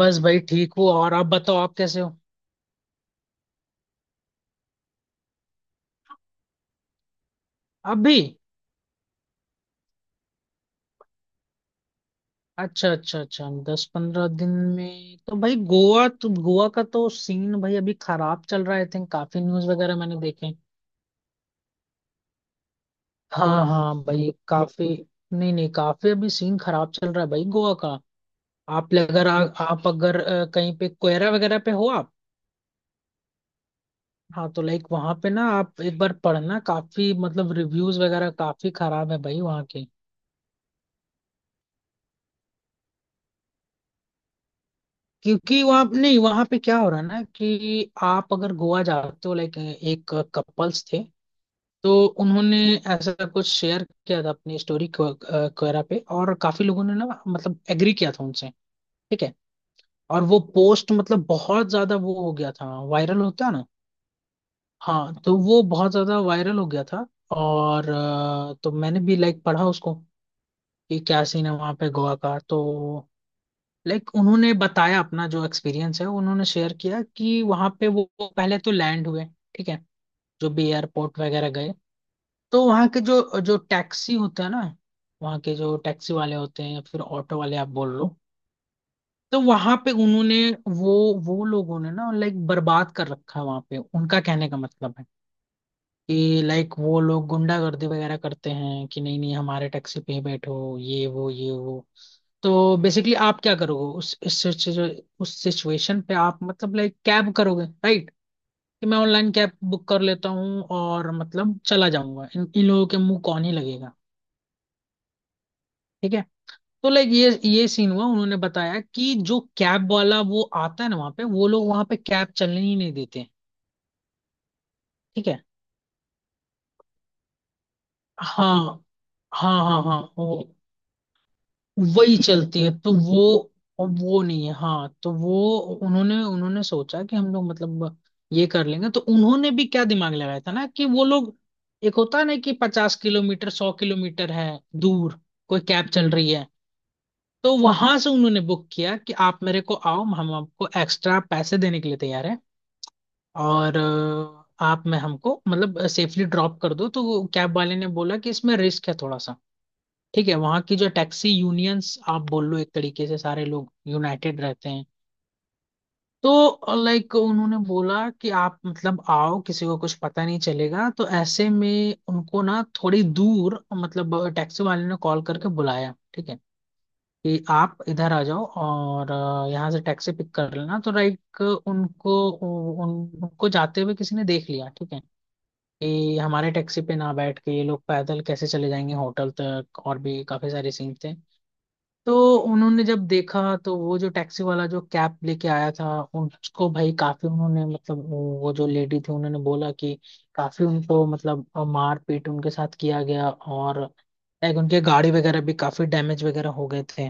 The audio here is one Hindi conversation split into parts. बस भाई ठीक हूँ। और आप बताओ आप कैसे हो? अभी? अच्छा अच्छा अच्छा, दस पंद्रह दिन में। तो भाई गोवा, तो गोवा का तो सीन भाई अभी खराब चल रहा है। आई थिंक काफी न्यूज वगैरह मैंने देखे। हाँ हाँ भाई, काफी। नहीं नहीं, काफी अभी सीन खराब चल रहा है भाई गोवा का। आप अगर आ, आप अगर कहीं पे कोयरा वगैरह पे हो आप? हाँ, तो लाइक वहां पे ना आप एक बार पढ़ना, काफी मतलब रिव्यूज वगैरह काफी खराब है भाई वहाँ के। क्योंकि वहाँ नहीं, वहाँ पे क्या हो रहा है ना, कि आप अगर गोवा जाते हो, लाइक एक कपल्स थे तो उन्होंने ऐसा कुछ शेयर किया था अपनी स्टोरी वगैरह पे, और काफी लोगों ने ना मतलब एग्री किया था उनसे। ठीक है। और वो पोस्ट मतलब बहुत ज्यादा वो हो गया था, वायरल होता है ना। हाँ, तो वो बहुत ज्यादा वायरल हो गया था। और तो मैंने भी लाइक पढ़ा उसको, कि क्या सीन है वहाँ पे गोवा का। तो लाइक उन्होंने बताया अपना जो एक्सपीरियंस है, उन्होंने शेयर किया कि वहां पे वो पहले तो लैंड हुए। ठीक है। जो भी एयरपोर्ट वगैरह गए, तो वहाँ के जो जो टैक्सी होता है ना, वहाँ के जो टैक्सी वाले होते हैं या फिर ऑटो वाले आप बोल लो। तो वहां पे उन्होंने वो वो लोगों ने ना लाइक बर्बाद कर रखा है वहां पे उनका। कहने का मतलब है कि लाइक वो लोग गुंडागर्दी वगैरह करते हैं, कि नहीं नहीं हमारे टैक्सी पे ही बैठो, ये वो ये वो। तो बेसिकली आप क्या करोगे उस इस उस सिचुएशन पे, आप मतलब लाइक कैब करोगे राइट? कि मैं ऑनलाइन कैब बुक कर लेता हूँ और मतलब चला जाऊंगा, इन इन लोगों के मुंह कौन ही लगेगा। ठीक है। तो लाइक ये सीन हुआ, उन्होंने बताया कि जो कैब वाला वो आता है ना वहां पे, वो लोग वहां पे कैब चलने ही नहीं देते। ठीक है। हाँ हाँ हाँ हाँ, वो वही चलती है तो वो। और वो नहीं है, हाँ। तो वो उन्होंने उन्होंने सोचा कि हम लोग मतलब ये कर लेंगे। तो उन्होंने भी क्या दिमाग लगाया था ना, कि वो लोग, एक होता है ना कि 50 किलोमीटर 100 किलोमीटर है दूर कोई कैब चल रही है। तो वहां से उन्होंने बुक किया कि आप मेरे को आओ, हम आपको एक्स्ट्रा पैसे देने के लिए तैयार है। और आप में हमको मतलब सेफली ड्रॉप कर दो। तो वो कैब वाले ने बोला कि इसमें रिस्क है थोड़ा सा। ठीक है। वहाँ की जो टैक्सी यूनियंस आप बोल लो, एक तरीके से सारे लोग यूनाइटेड रहते हैं। तो लाइक उन्होंने बोला कि आप मतलब आओ, किसी को कुछ पता नहीं चलेगा। तो ऐसे में उनको ना थोड़ी दूर मतलब टैक्सी वाले ने कॉल करके बुलाया। ठीक है। कि आप इधर आ जाओ और यहाँ से टैक्सी पिक कर लेना। तो लाइक उनको उनको जाते हुए किसी ने देख लिया। ठीक है। कि हमारे टैक्सी पे ना बैठ के ये लोग पैदल कैसे चले जाएंगे होटल तक, और भी काफी सारे सीन थे। तो उन्होंने जब देखा, तो वो जो टैक्सी वाला जो कैब लेके आया था उसको भाई काफी, उन्होंने मतलब वो जो लेडी थी उन्होंने बोला कि काफी उनको मतलब मार पीट उनके साथ किया गया। और लाइक उनके गाड़ी वगैरह भी काफी डैमेज वगैरह हो गए थे।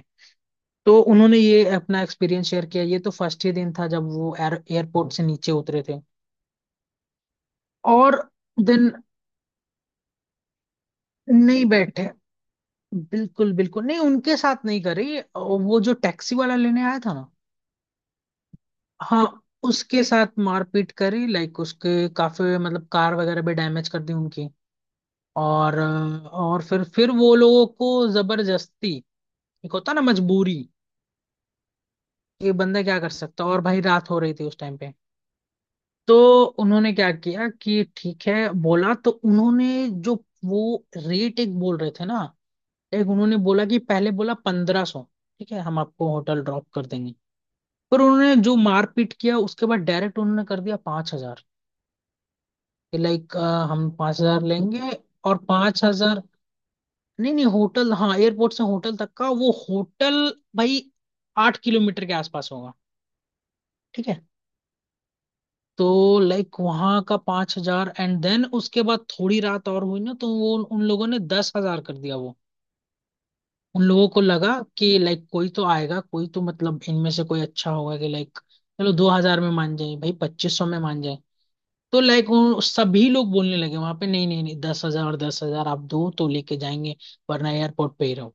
तो उन्होंने ये अपना एक्सपीरियंस शेयर किया। ये तो फर्स्ट ही दिन था जब वो एयरपोर्ट से नीचे उतरे थे। और दिन नहीं बैठे। बिल्कुल बिल्कुल नहीं, उनके साथ नहीं करे। वो जो टैक्सी वाला लेने आया था ना। हाँ। उसके साथ मारपीट करी, लाइक उसके काफी मतलब कार वगैरह भी डैमेज कर दी उनकी। और फिर वो लोगों को जबरदस्ती। एक होता ना मजबूरी, ये बंदा क्या कर सकता, और भाई रात हो रही थी उस टाइम पे। तो उन्होंने क्या किया कि ठीक है बोला, तो उन्होंने जो वो रेट एक बोल रहे थे ना, एक उन्होंने बोला कि पहले बोला 1,500। ठीक है, हम आपको होटल ड्रॉप कर देंगे। पर उन्होंने जो मारपीट किया उसके बाद डायरेक्ट उन्होंने कर दिया 5,000। कि लाइक हम 5,000 लेंगे। और 5,000, नहीं नहीं होटल, हाँ एयरपोर्ट से होटल तक का। वो होटल भाई 8 किलोमीटर के आसपास होगा। ठीक है। तो लाइक वहाँ का 5,000, एंड देन उसके बाद थोड़ी रात और हुई ना, तो वो उन लोगों ने 10,000 कर दिया वो। उन लोगों को लगा कि लाइक कोई तो आएगा, कोई तो मतलब इनमें से कोई अच्छा होगा, कि लाइक चलो 2,000 में मान जाए भाई, 2,500 में मान जाए। तो लाइक वो सभी लोग बोलने लगे वहां पे, नहीं नहीं नहीं, 10,000, और 10,000 आप दो तो लेके जाएंगे वरना एयरपोर्ट पे ही रहो।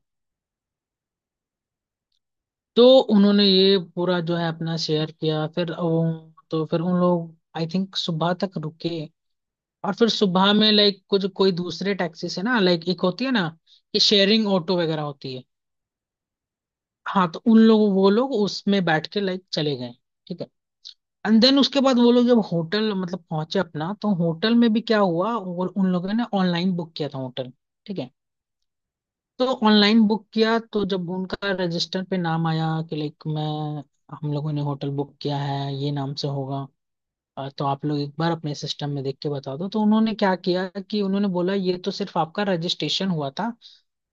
तो उन्होंने ये पूरा जो है अपना शेयर किया। फिर वो, तो फिर उन लोग आई थिंक सुबह तक रुके। और फिर सुबह में लाइक कुछ कोई दूसरे टैक्सी से ना, लाइक एक होती है ना कि शेयरिंग ऑटो वगैरह होती है। हाँ, तो उन लोग वो लोग उसमें बैठ के लाइक चले गए। ठीक है। एंड देन उसके बाद वो लोग जब होटल मतलब पहुंचे अपना, तो होटल में भी क्या हुआ, वो उन लोगों ने ऑनलाइन बुक किया था होटल। ठीक है। तो ऑनलाइन बुक किया, तो जब उनका रजिस्टर पे नाम आया कि लाइक मैं, हम लोगों ने होटल बुक किया है ये नाम से होगा। तो आप लोग एक बार अपने सिस्टम में देख के बता दो। तो उन्होंने क्या किया कि उन्होंने बोला ये तो सिर्फ आपका रजिस्ट्रेशन हुआ था,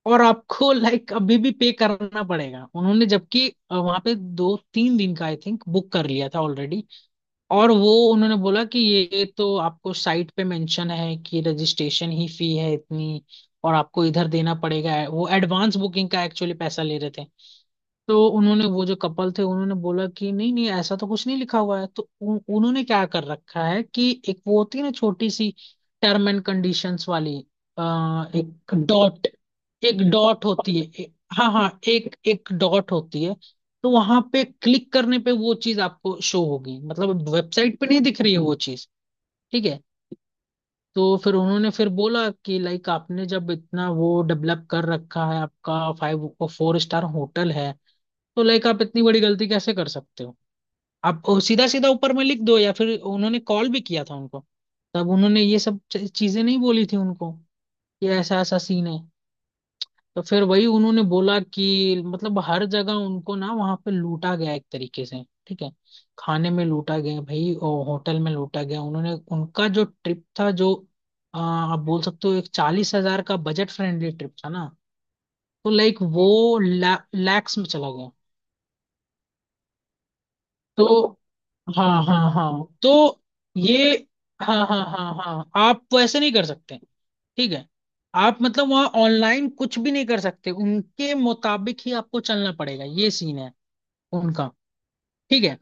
और आपको लाइक अभी भी पे करना पड़ेगा। उन्होंने, जबकि वहां पे दो तीन दिन का आई थिंक बुक कर लिया था ऑलरेडी। और वो उन्होंने बोला कि ये तो आपको साइट पे मेंशन है कि रजिस्ट्रेशन ही फी है इतनी, और आपको इधर देना पड़ेगा। वो एडवांस बुकिंग का एक्चुअली पैसा ले रहे थे। तो उन्होंने, वो जो कपल थे उन्होंने बोला कि नहीं नहीं, ऐसा तो कुछ नहीं लिखा हुआ है। तो उन्होंने क्या कर रखा है कि एक वो होती है ना छोटी सी, टर्म एंड कंडीशंस वाली। एक डॉट, एक डॉट होती है हाँ हाँ एक एक डॉट होती है। तो वहां पे क्लिक करने पे वो चीज आपको शो होगी, मतलब वेबसाइट पे नहीं दिख रही है वो चीज। ठीक है। तो फिर उन्होंने फिर बोला कि लाइक आपने जब इतना वो डेवलप कर रखा है आपका, फाइव फोर स्टार होटल है, तो लाइक आप इतनी बड़ी गलती कैसे कर सकते हो। आप सीधा सीधा ऊपर में लिख दो, या फिर उन्होंने कॉल भी किया था उनको, तब उन्होंने ये सब चीजें नहीं बोली थी उनको, कि ऐसा ऐसा सीन है। तो फिर वही उन्होंने बोला कि मतलब हर जगह उनको ना वहां पे लूटा गया एक तरीके से। ठीक है। खाने में लूटा गया भाई, और होटल में लूटा गया। उन्होंने, उनका जो ट्रिप था, जो आप बोल सकते हो एक 40,000 का बजट फ्रेंडली ट्रिप था ना, तो लाइक वो लैक्स में चला गया। तो हाँ हाँ हाँ। तो ये, हाँ हाँ हाँ हाँ, आप वैसे नहीं कर सकते। ठीक है। आप मतलब वहाँ ऑनलाइन कुछ भी नहीं कर सकते, उनके मुताबिक ही आपको चलना पड़ेगा, ये सीन है उनका। ठीक है।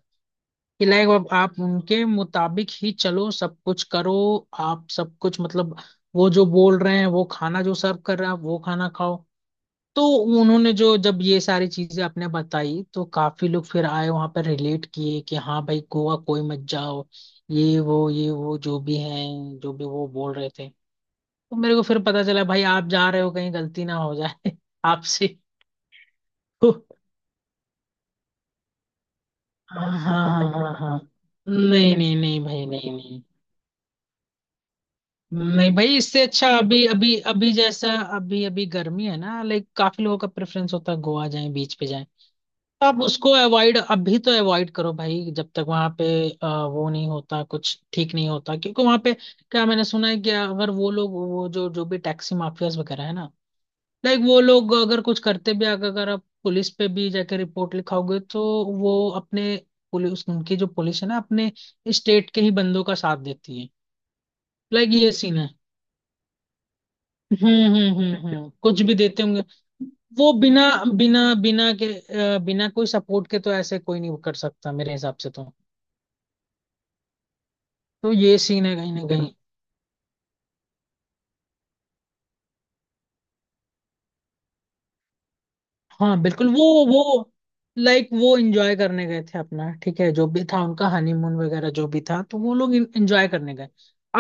कि लाइक आप उनके मुताबिक ही चलो, सब कुछ करो। आप सब कुछ मतलब वो जो बोल रहे हैं, वो खाना जो सर्व कर रहा है वो खाना खाओ। तो उन्होंने जो, जब ये सारी चीजें आपने बताई, तो काफी लोग फिर आए वहां पर, रिलेट किए कि हाँ भाई गोवा कोई मत जाओ। ये वो जो भी हैं जो भी वो बोल रहे थे। तो मेरे को फिर पता चला भाई आप जा रहे हो, कहीं गलती ना हो जाए आपसे। तो हाँ हाँ हाँ हाँ, नहीं नहीं नहीं भाई, नहीं नहीं। नहीं भाई, इससे अच्छा अभी अभी अभी जैसा, अभी अभी गर्मी है ना, लाइक काफी लोगों का प्रेफरेंस होता है गोवा जाए बीच पे जाए। तो आप उसको अवॉइड, अभी तो अवॉइड करो भाई, जब तक वहां पे वो नहीं होता, कुछ ठीक नहीं होता। क्योंकि वहां पे क्या मैंने सुना है, कि अगर वो लोग, वो जो जो भी टैक्सी माफियाज वगैरह है ना, लाइक वो लोग अगर कुछ करते भी, अगर अगर आप पुलिस पे भी जाके रिपोर्ट लिखाओगे, तो वो अपने, पुलिस उनकी जो पुलिस है ना, अपने स्टेट के ही बंदों का साथ देती है। लाइक ये सीन है। कुछ भी देते होंगे। वो बिना बिना बिना के बिना कोई सपोर्ट के, तो ऐसे कोई नहीं कर सकता मेरे हिसाब से तो। तो ये सीन है कहीं ना कहीं। हाँ बिल्कुल, वो लाइक वो एंजॉय करने गए थे अपना। ठीक है। जो भी था उनका हनीमून वगैरह जो भी था, तो वो लोग एंजॉय करने गए।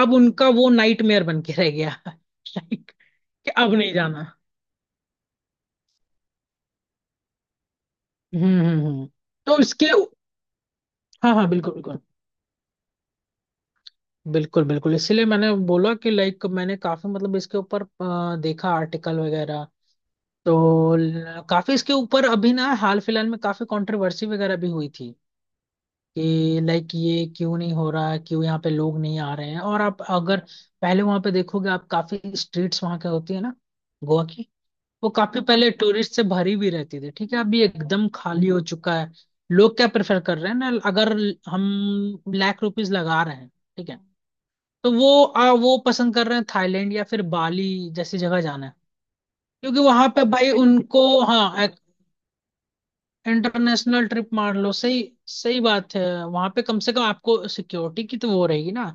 अब उनका वो नाइटमेयर बन के रह गया लाइक कि अब नहीं जाना। हम्म हम्म हम्म। तो इसके, हाँ हाँ बिल्कुल बिल्कुल। बिल्कुल बिल्कुल इसीलिए मैंने बोला कि लाइक मैंने काफी मतलब इसके ऊपर देखा आर्टिकल वगैरह। तो काफी इसके ऊपर अभी ना हाल फिलहाल में काफी कंट्रोवर्सी वगैरह भी हुई थी, कि लाइक ये क्यों नहीं हो रहा है, क्यों यहाँ पे लोग नहीं आ रहे हैं। और आप अगर पहले वहां पे देखोगे आप, काफी स्ट्रीट्स वहां की होती है ना गोवा की, वो काफी पहले टूरिस्ट से भरी भी रहती थी। ठीक है। अभी एकदम खाली हो चुका है। लोग क्या प्रेफर कर रहे हैं ना, अगर हम लाख रुपीज लगा रहे हैं, ठीक है, तो वो वो पसंद कर रहे हैं थाईलैंड या फिर बाली जैसी जगह जाना है। क्योंकि वहां पे भाई उनको, हाँ इंटरनेशनल ट्रिप मार लो, सही सही बात है। वहां पे कम से कम आपको सिक्योरिटी की तो वो रहेगी ना।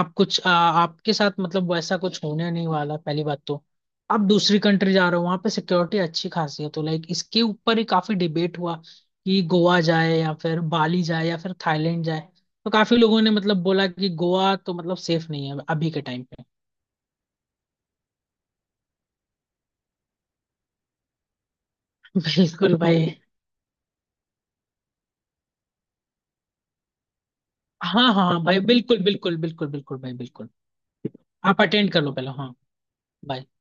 आप कुछ आपके साथ मतलब वैसा कुछ होने नहीं वाला पहली बात तो। आप दूसरी कंट्री जा रहे हो, वहां पे सिक्योरिटी अच्छी खासी है। तो लाइक इसके ऊपर ही काफी डिबेट हुआ कि गोवा जाए या फिर बाली जाए या फिर थाईलैंड जाए। तो काफी लोगों ने मतलब बोला कि गोवा तो मतलब सेफ नहीं है अभी के टाइम पे। बिल्कुल भाई। हाँ हाँ भाई, बिल्कुल बिल्कुल बिल्कुल बिल्कुल भाई बिल्कुल। आप अटेंड कर लो पहले, हाँ। bye.